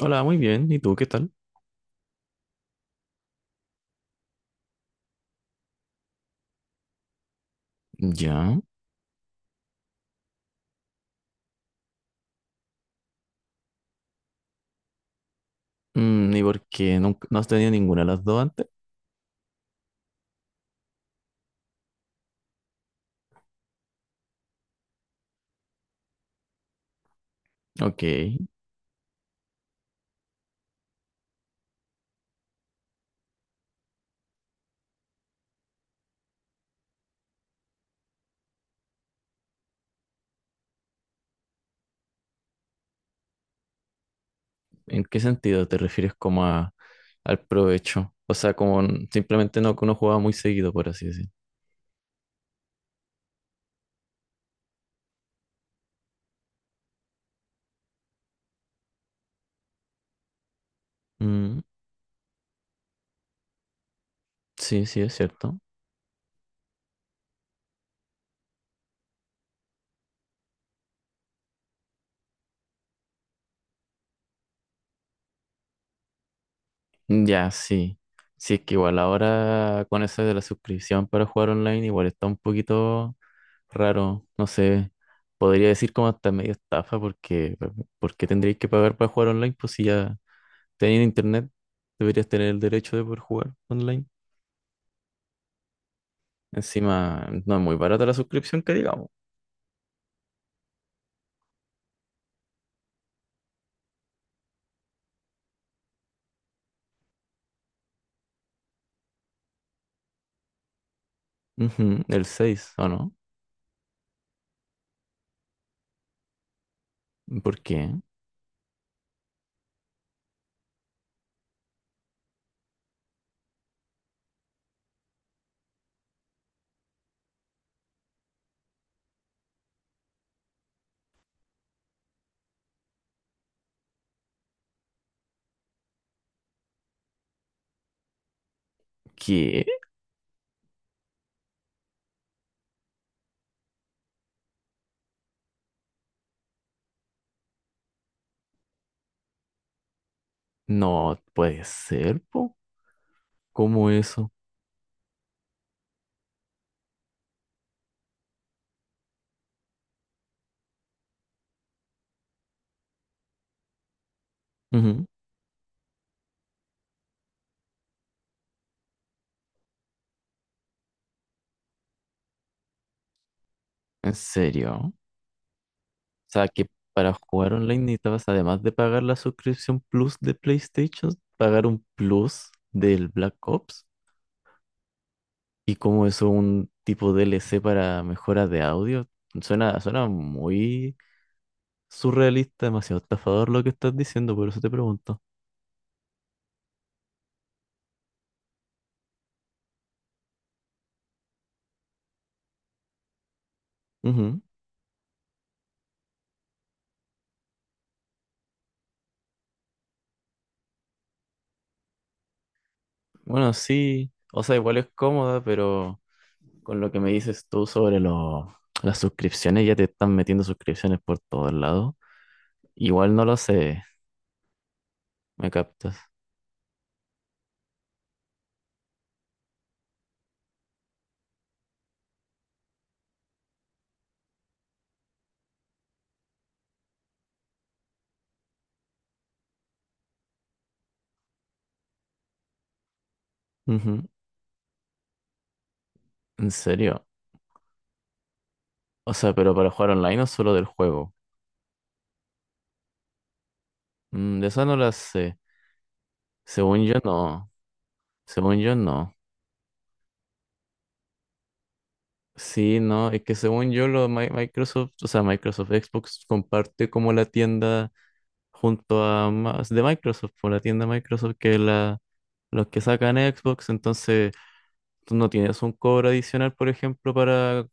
Hola, muy bien. ¿Y tú qué tal? Ya. Mm, ¿y por qué no has tenido ninguna de las dos antes? Ok. ¿En qué sentido te refieres como a, al provecho? O sea, como simplemente no que uno jugaba muy seguido, por así decir. Mm, sí, sí, es cierto. Ya, sí. Sí, es que igual ahora con eso de la suscripción para jugar online, igual está un poquito raro. No sé. Podría decir como hasta medio estafa porque ¿por qué tendríais que pagar para jugar online? Pues si ya teniendo internet, deberías tener el derecho de poder jugar online. Encima, no es muy barata la suscripción que digamos. Ujú, el seis ¿o no? ¿Por qué? ¿Qué? No puede ser, po. ¿Cómo eso? Ujú. ¿En serio? O sea, que para jugar online necesitabas, además de pagar la suscripción Plus de PlayStation, pagar un Plus del Black Ops. ¿Y como eso un tipo DLC para mejora de audio? Suena, suena muy surrealista, demasiado estafador lo que estás diciendo, por eso te pregunto. Ujú. Bueno, sí, o sea, igual es cómoda, pero con lo que me dices tú sobre las suscripciones, ya te están metiendo suscripciones por todos lados. Igual no lo sé, me captas. Ujú. ¿En serio? O sea, pero para jugar online o solo del juego. Mm, de esa no la sé. Según yo, no. Según yo, no. Sí, no, es que según yo, lo, Microsoft, o sea, Microsoft Xbox comparte como la tienda junto a más de Microsoft, por la tienda Microsoft, que la, los que sacan Xbox, entonces tú no tienes un cobro adicional, por ejemplo, para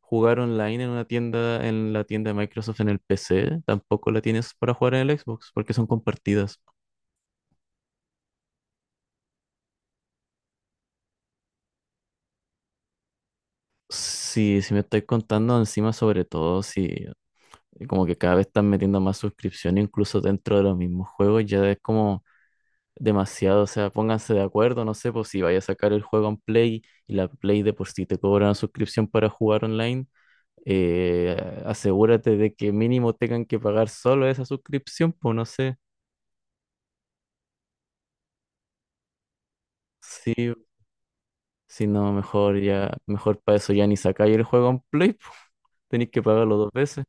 jugar online en una tienda, en la tienda de Microsoft en el PC, tampoco la tienes para jugar en el Xbox, porque son compartidas. Sí, si me estáis contando encima, sobre todo, si como que cada vez están metiendo más suscripción, incluso dentro de los mismos juegos, ya es como demasiado, o sea, pónganse de acuerdo, no sé, pues si vaya a sacar el juego en Play y la Play de por sí te cobra una suscripción para jugar online, asegúrate de que mínimo tengan que pagar solo esa suscripción, pues no sé, sí, si no, mejor ya, mejor para eso ya ni sacáis el juego en Play, pues, tenéis que pagarlo dos veces.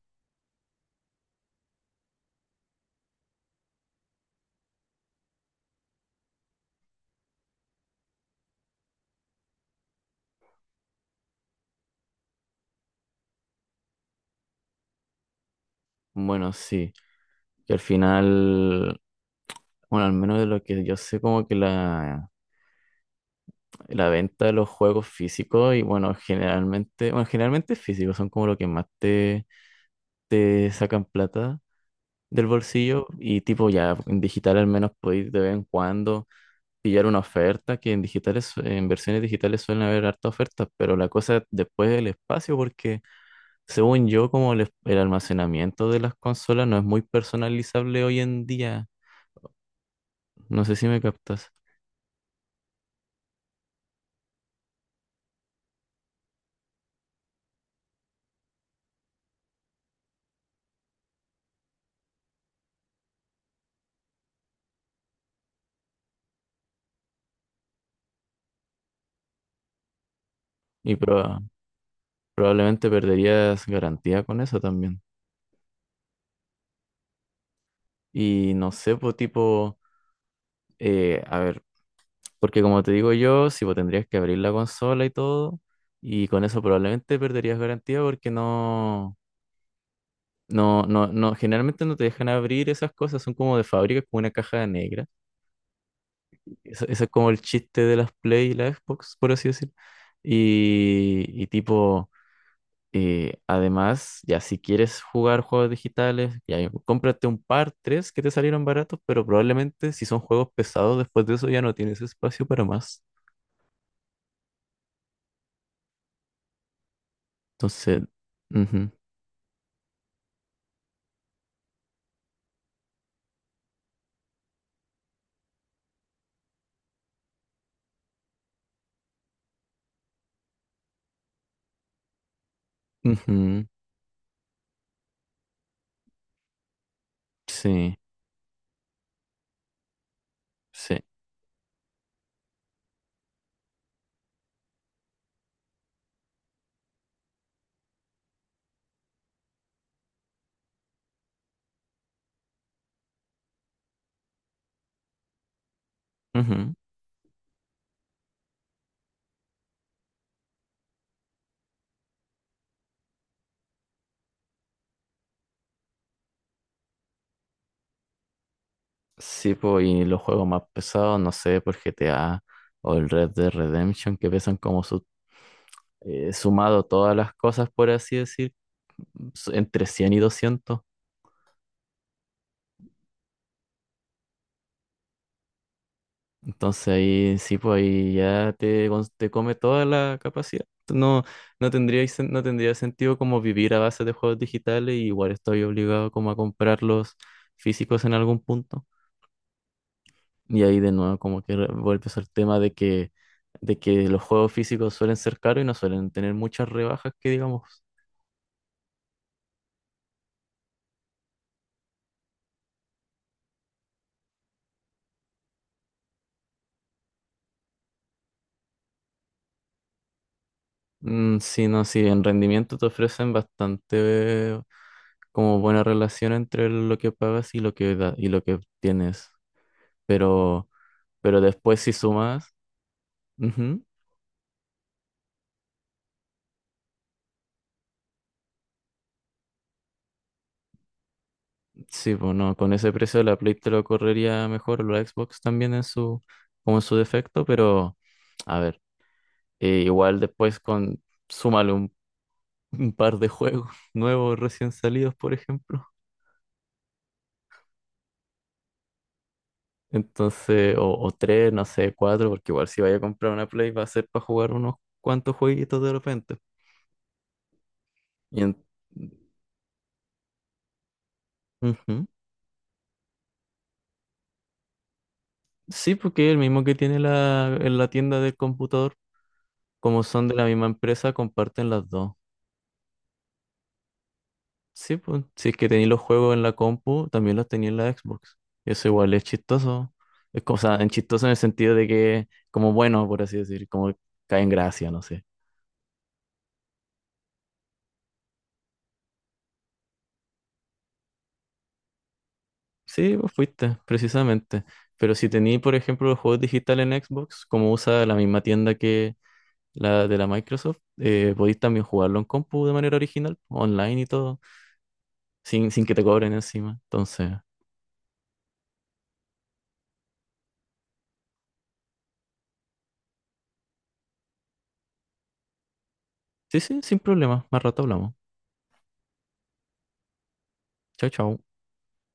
Bueno, sí, que al final, bueno, al menos de lo que yo sé, como que la venta de los juegos físicos y bueno, generalmente físicos son como lo que más te sacan plata del bolsillo y tipo ya en digital al menos podéis de vez en cuando pillar una oferta, que en digitales, en versiones digitales suelen haber harta ofertas, pero la cosa es después del espacio, porque según yo, como el, el almacenamiento de las consolas no es muy personalizable hoy en día, no sé si me captas, y probablemente perderías garantía con eso también. Y no sé, pues tipo, a ver. Porque como te digo yo, si vos tendrías que abrir la consola y todo, y con eso probablemente perderías garantía porque no, no, no, no, generalmente no te dejan abrir esas cosas, son como de fábrica, como una caja negra. Eso es como el chiste de las Play y la Xbox, por así decir. Y tipo, además, ya si quieres jugar juegos digitales, ya cómprate un par, tres que te salieron baratos, pero probablemente si son juegos pesados, después de eso ya no tienes espacio para más. Entonces... ujú. Ujú. Sí, sí. Ujú. Sí, pues, y los juegos más pesados, no sé, por GTA o el Red Dead Redemption, que pesan como sumado todas las cosas, por así decir, entre 100 y 200. Entonces ahí sí, pues ahí ya te, te come toda la capacidad. No, no tendría, no tendría sentido como vivir a base de juegos digitales y igual estoy obligado como a comprarlos físicos en algún punto. Y ahí de nuevo como que vuelves el tema de que los juegos físicos suelen ser caros y no suelen tener muchas rebajas que digamos. Mm, sí, no, sí, en rendimiento te ofrecen bastante como buena relación entre lo que pagas y lo que y lo que tienes. Pero, pero después si sumas, ujú, sí, bueno, con ese precio la Play te lo correría mejor, o la Xbox también en su, como en su defecto, pero a ver, igual después con súmale un par de juegos nuevos recién salidos, por ejemplo. Entonces, o tres, no sé, cuatro, porque igual si vaya a comprar una Play va a ser para jugar unos cuantos jueguitos de repente. Y Ujú. Sí, porque es el mismo que tiene la, en la tienda del computador, como son de la misma empresa, comparten las dos. Sí, pues, si es que tenéis los juegos en la compu, también los tenía en la Xbox. Eso igual es chistoso. Es cosa, en chistoso en el sentido de que, como bueno, por así decir, como cae en gracia, no sé. Sí, vos fuiste, precisamente. Pero si tení, por ejemplo, los juegos digitales en Xbox, como usa la misma tienda que la de la Microsoft, podéis también jugarlo en compu de manera original, online y todo, sin, sin que te cobren encima. Entonces, sí, sí, sin problema. Más rato hablamos. Chao, chao.